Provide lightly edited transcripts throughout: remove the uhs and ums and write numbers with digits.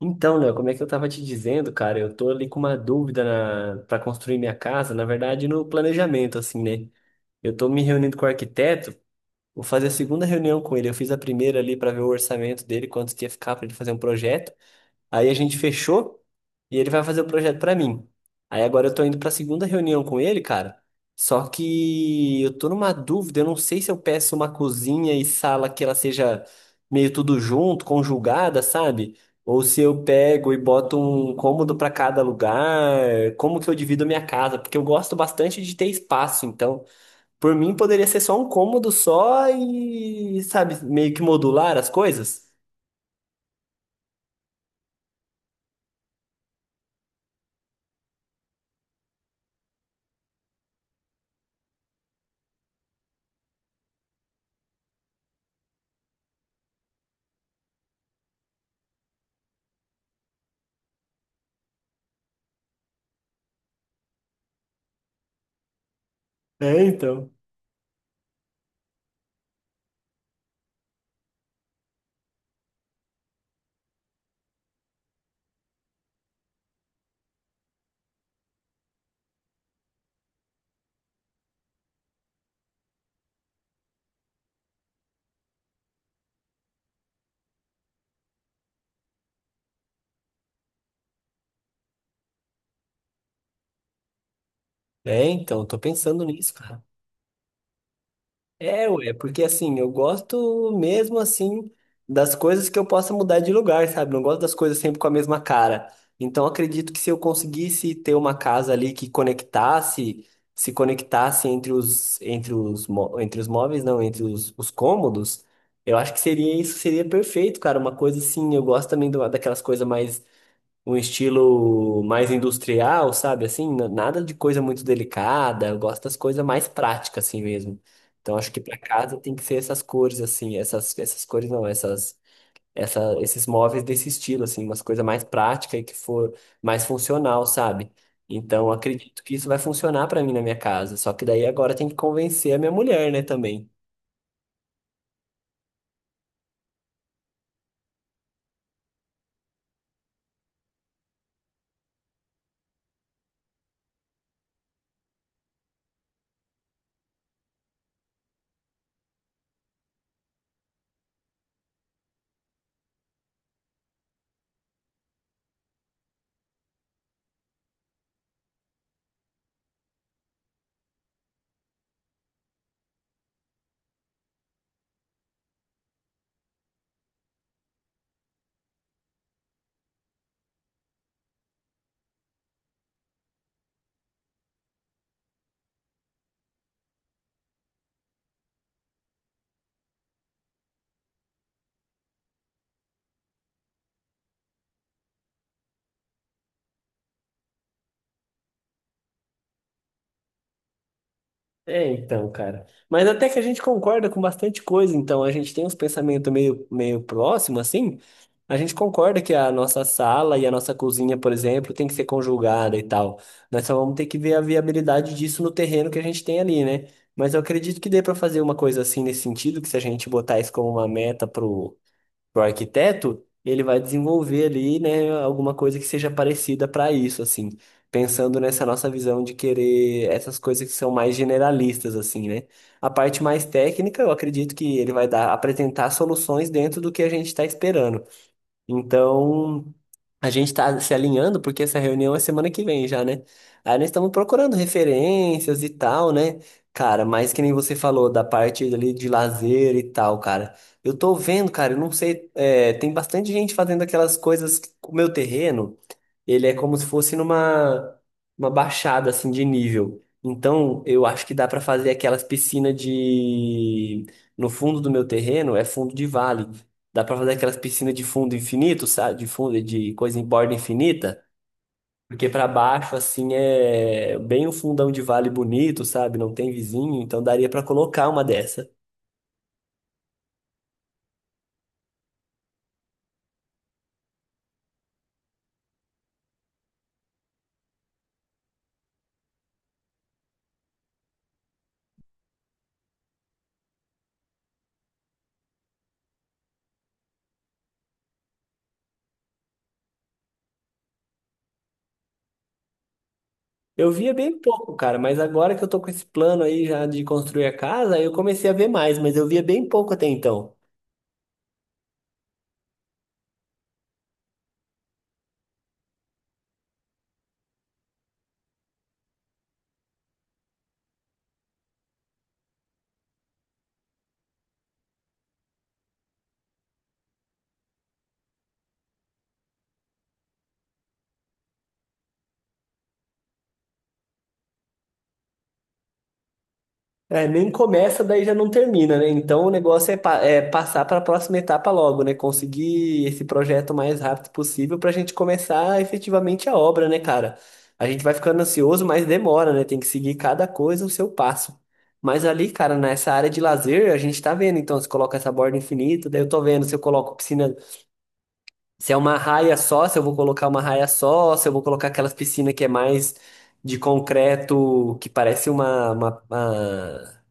Então, né? Como é que eu tava te dizendo, cara, eu tô ali com uma dúvida na... para construir minha casa, na verdade, no planejamento, assim, né? Eu tô me reunindo com o arquiteto, vou fazer a segunda reunião com ele. Eu fiz a primeira ali para ver o orçamento dele, quanto que ia ficar para ele fazer um projeto. Aí a gente fechou e ele vai fazer o projeto pra mim. Aí agora eu tô indo pra segunda reunião com ele, cara. Só que eu tô numa dúvida, eu não sei se eu peço uma cozinha e sala que ela seja meio tudo junto, conjugada, sabe? Ou se eu pego e boto um cômodo pra cada lugar, como que eu divido a minha casa? Porque eu gosto bastante de ter espaço, então, por mim poderia ser só um cômodo só e, sabe, meio que modular as coisas. É, então. É, então, tô pensando nisso, cara. É, ué, porque assim, eu gosto mesmo assim das coisas que eu possa mudar de lugar, sabe? Não gosto das coisas sempre com a mesma cara. Então, acredito que se eu conseguisse ter uma casa ali que conectasse, se conectasse entre os móveis, não, entre os cômodos, eu acho que seria isso, seria perfeito, cara. Uma coisa assim, eu gosto também daquelas coisas mais um estilo mais industrial, sabe? Assim, nada de coisa muito delicada. Eu gosto das coisas mais práticas, assim mesmo. Então, acho que para casa tem que ser essas cores, assim, essas, essas cores não, essas, essa, esses móveis desse estilo, assim, umas coisas mais práticas e que for mais funcional, sabe? Então, acredito que isso vai funcionar para mim na minha casa. Só que daí agora tem que convencer a minha mulher, né, também. É, então, cara. Mas até que a gente concorda com bastante coisa, então a gente tem uns pensamentos meio, meio próximos, assim. A gente concorda que a nossa sala e a nossa cozinha, por exemplo, tem que ser conjugada e tal. Nós só vamos ter que ver a viabilidade disso no terreno que a gente tem ali, né? Mas eu acredito que dê pra fazer uma coisa assim nesse sentido, que se a gente botar isso como uma meta para o arquiteto, ele vai desenvolver ali, né, alguma coisa que seja parecida para isso, assim, pensando nessa nossa visão de querer essas coisas que são mais generalistas, assim, né? A parte mais técnica, eu acredito que ele vai dar, apresentar soluções dentro do que a gente está esperando. Então, a gente está se alinhando porque essa reunião é semana que vem já, né? Aí nós estamos procurando referências e tal, né? Cara, mas que nem você falou da parte ali de lazer e tal, cara. Eu tô vendo, cara, eu não sei, é, tem bastante gente fazendo aquelas coisas com o meu terreno ele é como se fosse numa uma baixada assim de nível. Então, eu acho que dá para fazer aquelas piscinas de no fundo do meu terreno, é fundo de vale. Dá para fazer aquelas piscinas de fundo infinito, sabe? De fundo de coisa em borda infinita, porque para baixo assim é bem um fundão de vale bonito, sabe? Não tem vizinho, então daria para colocar uma dessa. Eu via bem pouco, cara, mas agora que eu tô com esse plano aí já de construir a casa, eu comecei a ver mais, mas eu via bem pouco até então. É, nem começa, daí já não termina, né? Então o negócio é, é passar para a próxima etapa logo, né? Conseguir esse projeto o mais rápido possível para a gente começar efetivamente a obra, né, cara? A gente vai ficando ansioso, mas demora, né? Tem que seguir cada coisa o seu passo. Mas ali, cara, nessa área de lazer, a gente tá vendo. Então, se coloca essa borda infinita, daí eu tô vendo se eu coloco piscina, se é uma raia só, se eu vou colocar uma raia só, se eu vou colocar aquelas piscinas que é mais de concreto, que parece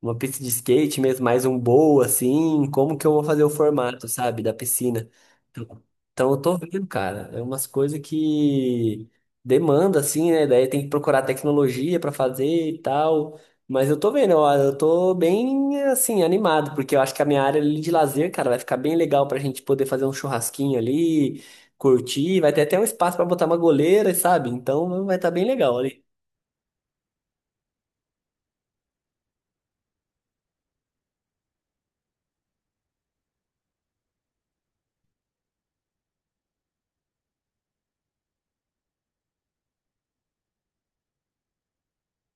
uma pista de skate mesmo, mais um bowl, assim, como que eu vou fazer o formato, sabe, da piscina? Então, então eu tô vendo, cara, é umas coisas que demanda, assim, né? Daí tem que procurar tecnologia pra fazer e tal. Mas eu tô vendo, ó, eu tô bem, assim, animado, porque eu acho que a minha área ali de lazer, cara, vai ficar bem legal pra gente poder fazer um churrasquinho ali, curtir, vai ter até um espaço pra botar uma goleira, sabe? Então vai estar bem legal ali.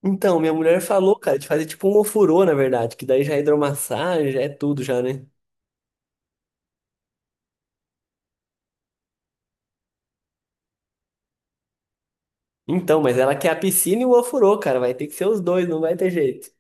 Então, minha mulher falou, cara, de fazer tipo um ofurô, na verdade, que daí já é hidromassagem, já é tudo já, né? Então, mas ela quer a piscina e o ofurô, cara, vai ter que ser os dois, não vai ter jeito.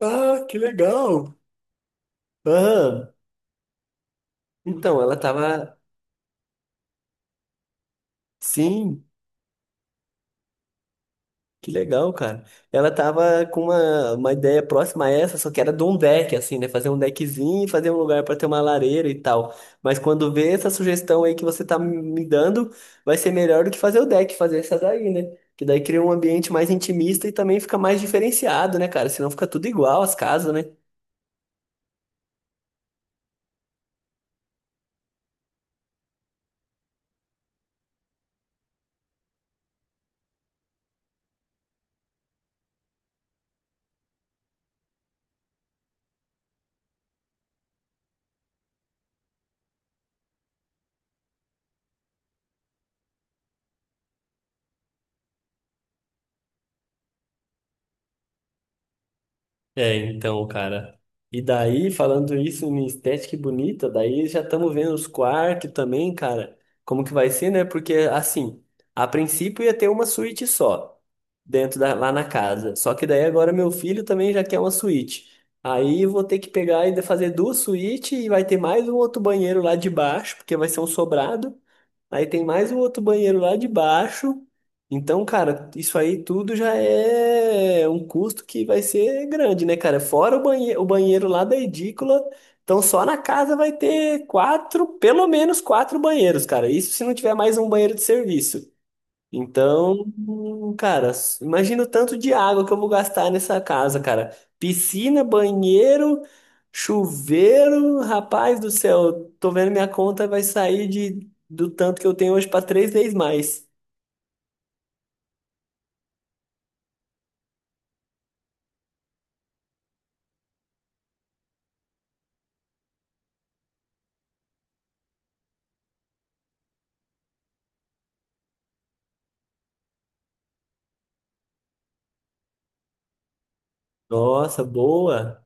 Ah, que legal! Aham. Então, ela tava. Sim. Que legal, cara. Ela tava com uma ideia próxima a essa, só que era de um deck, assim, né? Fazer um deckzinho e fazer um lugar pra ter uma lareira e tal. Mas quando vê essa sugestão aí que você tá me dando, vai ser melhor do que fazer o deck, fazer essa daí, né? Que daí cria um ambiente mais intimista e também fica mais diferenciado, né, cara? Senão fica tudo igual as casas, né? É, então, cara. E daí, falando isso em estética e bonita, daí já estamos vendo os quartos também, cara. Como que vai ser, né? Porque, assim, a princípio ia ter uma suíte só, dentro da, lá na casa. Só que daí agora meu filho também já quer uma suíte. Aí eu vou ter que pegar e fazer duas suítes e vai ter mais um outro banheiro lá de baixo, porque vai ser um sobrado. Aí tem mais um outro banheiro lá de baixo. Então, cara, isso aí tudo já é um custo que vai ser grande, né, cara? Fora o banheiro lá da edícula. Então, só na casa vai ter quatro, pelo menos quatro banheiros, cara. Isso se não tiver mais um banheiro de serviço. Então, cara, imagina o tanto de água que eu vou gastar nessa casa, cara. Piscina, banheiro, chuveiro, rapaz do céu, tô vendo minha conta vai sair de, do tanto que eu tenho hoje para três vezes mais. Nossa, boa.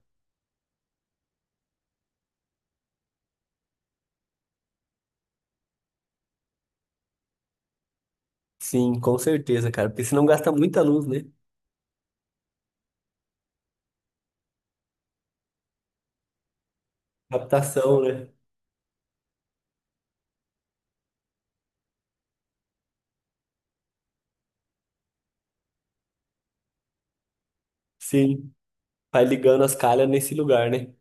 Sim, com certeza, cara, porque senão gasta muita luz, né? Captação, né? Sim, vai ligando as calhas nesse lugar, né?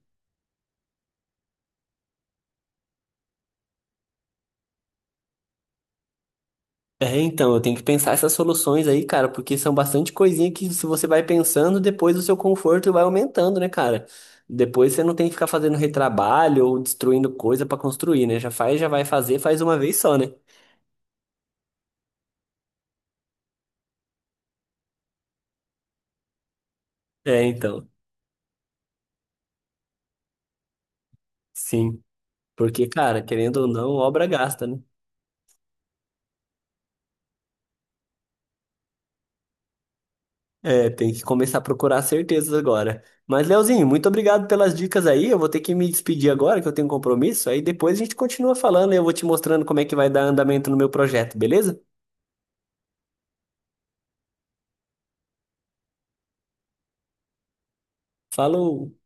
É, então, eu tenho que pensar essas soluções aí, cara, porque são bastante coisinha que se você vai pensando, depois o seu conforto vai aumentando, né, cara? Depois você não tem que ficar fazendo retrabalho ou destruindo coisa pra construir, né? Já faz, já vai fazer, faz uma vez só, né? É, então, sim. Porque, cara, querendo ou não, obra gasta, né? É, tem que começar a procurar certezas agora. Mas, Leozinho, muito obrigado pelas dicas aí. Eu vou ter que me despedir agora, que eu tenho um compromisso. Aí depois a gente continua falando e eu vou te mostrando como é que vai dar andamento no meu projeto, beleza? Falou!